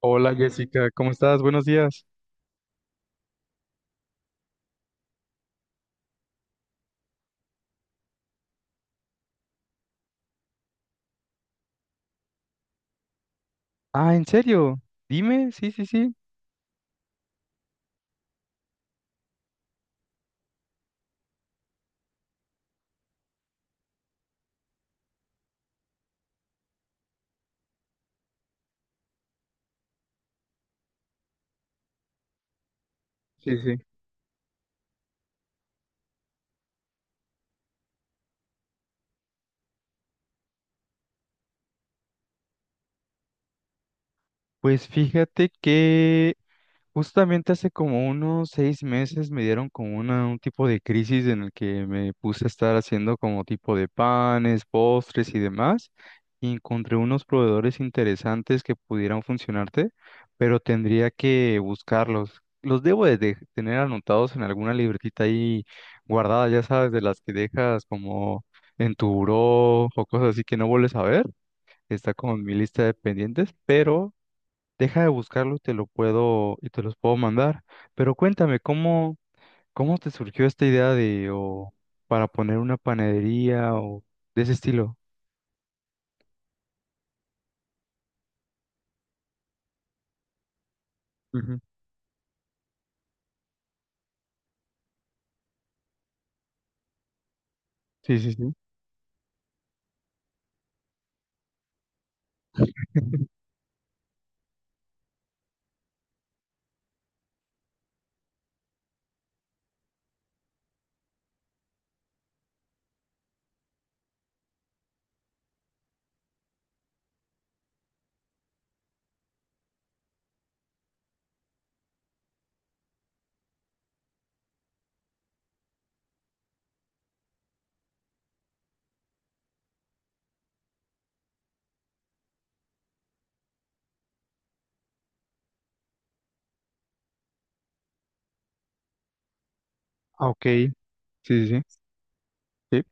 Hola Jessica, ¿cómo estás? Buenos días. Ah, ¿en serio? Dime, sí, sí, sí. Sí, sí. Pues fíjate que justamente hace como unos 6 meses me dieron como un tipo de crisis en el que me puse a estar haciendo como tipo de panes, postres y demás, y encontré unos proveedores interesantes que pudieran funcionarte, pero tendría que buscarlos. Los debo de tener anotados en alguna libretita ahí guardada, ya sabes, de las que dejas como en tu buró o cosas así que no vuelves a ver. Está como en mi lista de pendientes, pero deja de buscarlo y te los puedo mandar. Pero cuéntame, ¿cómo te surgió esta idea de o para poner una panadería o de ese estilo? Ujú. Sí, sí, sí. Ah, ok. Sí, sí, sí. Sí.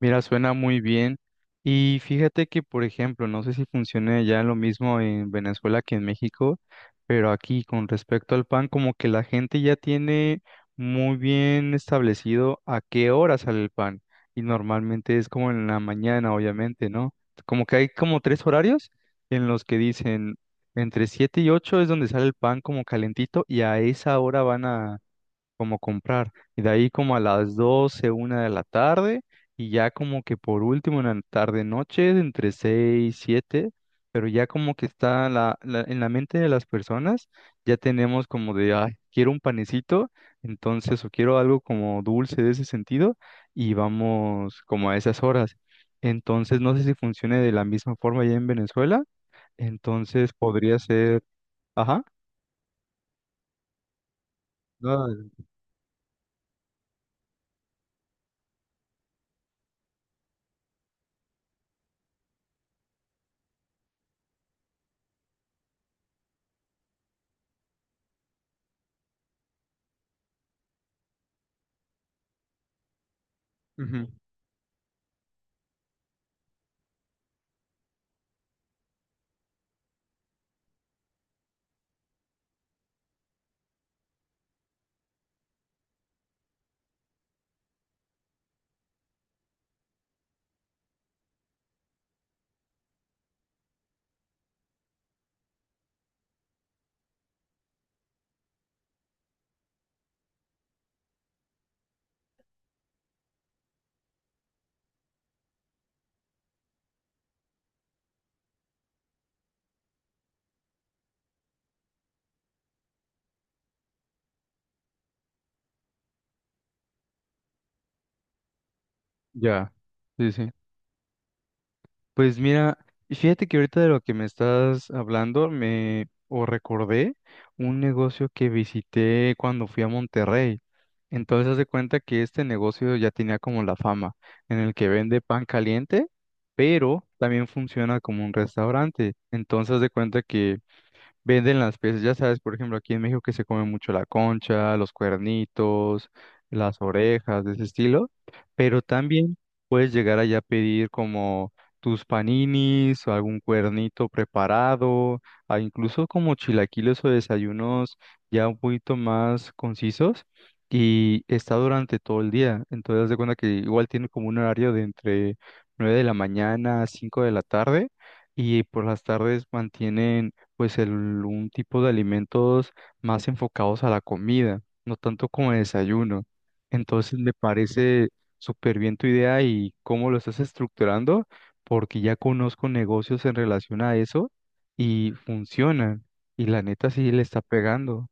Mira, suena muy bien. Y fíjate que, por ejemplo, no sé si funcione ya lo mismo en Venezuela que en México, pero aquí con respecto al pan, como que la gente ya tiene muy bien establecido a qué hora sale el pan. Y normalmente es como en la mañana, obviamente, ¿no? Como que hay como tres horarios en los que dicen entre 7 y 8 es donde sale el pan como calentito y a esa hora van a como comprar. Y de ahí como a las doce, una de la tarde, y ya como que por último en la tarde-noche, entre 6, siete, pero ya como que está en la mente de las personas, ya tenemos como de, ay, quiero un panecito, entonces, o quiero algo como dulce de ese sentido, y vamos como a esas horas. Entonces, no sé si funcione de la misma forma allá en Venezuela, entonces podría ser, ajá, ah, ujú, ya, sí, sí. Pues mira, fíjate que ahorita de lo que me estás hablando, me o recordé un negocio que visité cuando fui a Monterrey. Entonces, haz de cuenta que este negocio ya tenía como la fama, en el que vende pan caliente, pero también funciona como un restaurante. Entonces, haz de cuenta que venden las piezas, ya sabes, por ejemplo, aquí en México que se come mucho la concha, los cuernitos, las orejas, de ese estilo, pero también puedes llegar allá a pedir como tus paninis o algún cuernito preparado, a incluso como chilaquiles o desayunos ya un poquito más concisos y está durante todo el día, entonces haz de cuenta que igual tiene como un horario de entre 9 de la mañana a 5 de la tarde y por las tardes mantienen pues un tipo de alimentos más enfocados a la comida, no tanto como el desayuno. Entonces me parece súper bien tu idea y cómo lo estás estructurando, porque ya conozco negocios en relación a eso y funcionan. Y la neta sí le está pegando.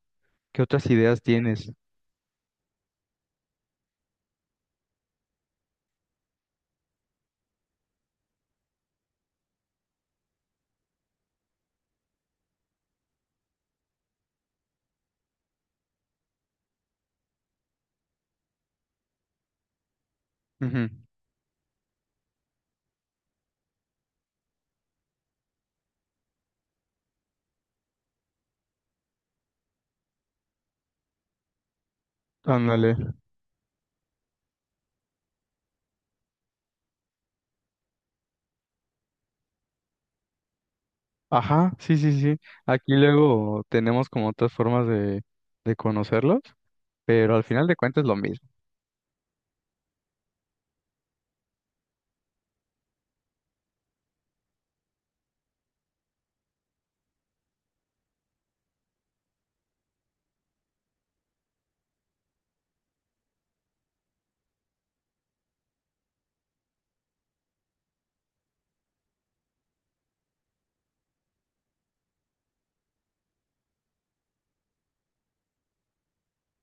¿Qué otras ideas tienes? Ujú. Ándale. Ajá, sí, sí, sí. Aquí luego tenemos como otras formas de conocerlos, pero al final de cuentas es lo mismo.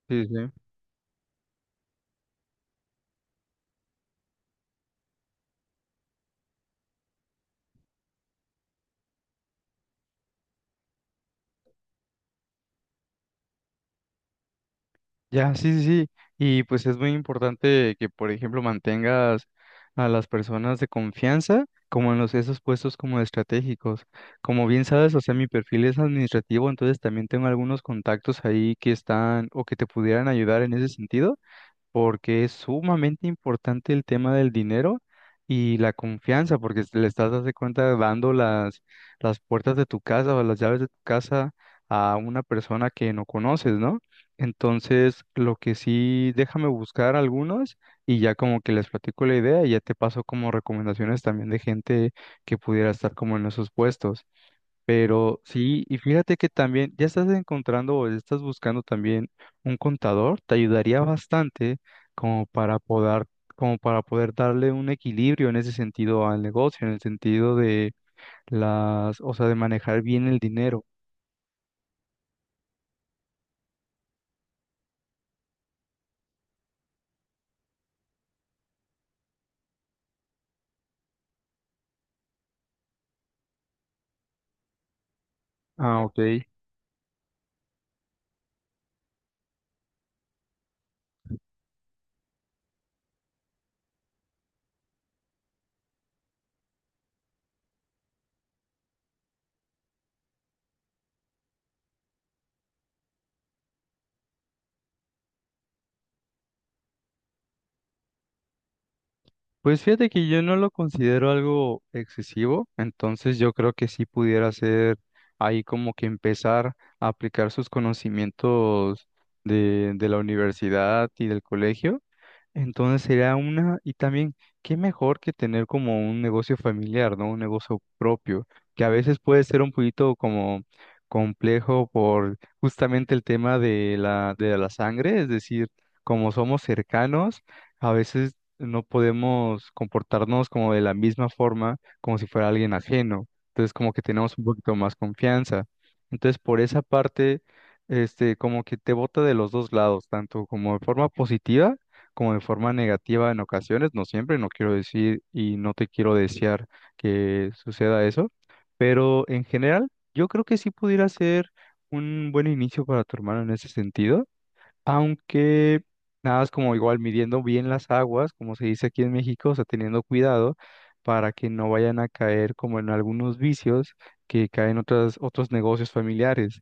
Sí, sí. Ya, sí, sí, sí. Y pues es muy importante que, por ejemplo, mantengas a las personas de confianza como en esos puestos como estratégicos. Como bien sabes, o sea, mi perfil es administrativo, entonces también tengo algunos contactos ahí que están o que te pudieran ayudar en ese sentido porque es sumamente importante el tema del dinero y la confianza, porque le estás dando cuenta dando las puertas de tu casa o las llaves de tu casa a una persona que no conoces, ¿no? Entonces, lo que sí, déjame buscar algunos y ya como que les platico la idea y ya te paso como recomendaciones también de gente que pudiera estar como en esos puestos. Pero sí, y fíjate que también ya estás encontrando o estás buscando también un contador, te ayudaría bastante como para poder, como para poder darle un equilibrio en ese sentido al negocio, en el sentido de las, o sea, de manejar bien el dinero. Ah, ok. Pues fíjate que yo no lo considero algo excesivo, entonces yo creo que sí pudiera ser ahí como que empezar a aplicar sus conocimientos de la universidad y del colegio. Y también, qué mejor que tener como un negocio familiar, ¿no? Un negocio propio, que a veces puede ser un poquito como complejo por justamente el tema de la sangre, es decir, como somos cercanos, a veces no podemos comportarnos como de la misma forma, como si fuera alguien ajeno. Entonces, como que tenemos un poquito más confianza. Entonces, por esa parte, como que te bota de los dos lados, tanto como de forma positiva, como de forma negativa en ocasiones, no siempre, no quiero decir y no te quiero desear que suceda eso, pero en general yo creo que sí pudiera ser un buen inicio para tu hermano en ese sentido, aunque nada es como igual midiendo bien las aguas, como se dice aquí en México, o sea, teniendo cuidado para que no vayan a caer como en algunos vicios que caen otros negocios familiares.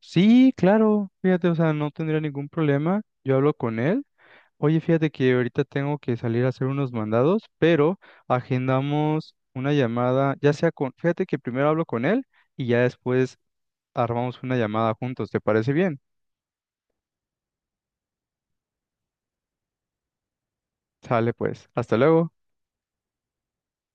Sí, claro, fíjate, o sea, no tendría ningún problema. Yo hablo con él. Oye, fíjate que ahorita tengo que salir a hacer unos mandados, pero agendamos una llamada, fíjate que primero hablo con él y ya después armamos una llamada juntos, ¿te parece bien? Sale pues, hasta luego.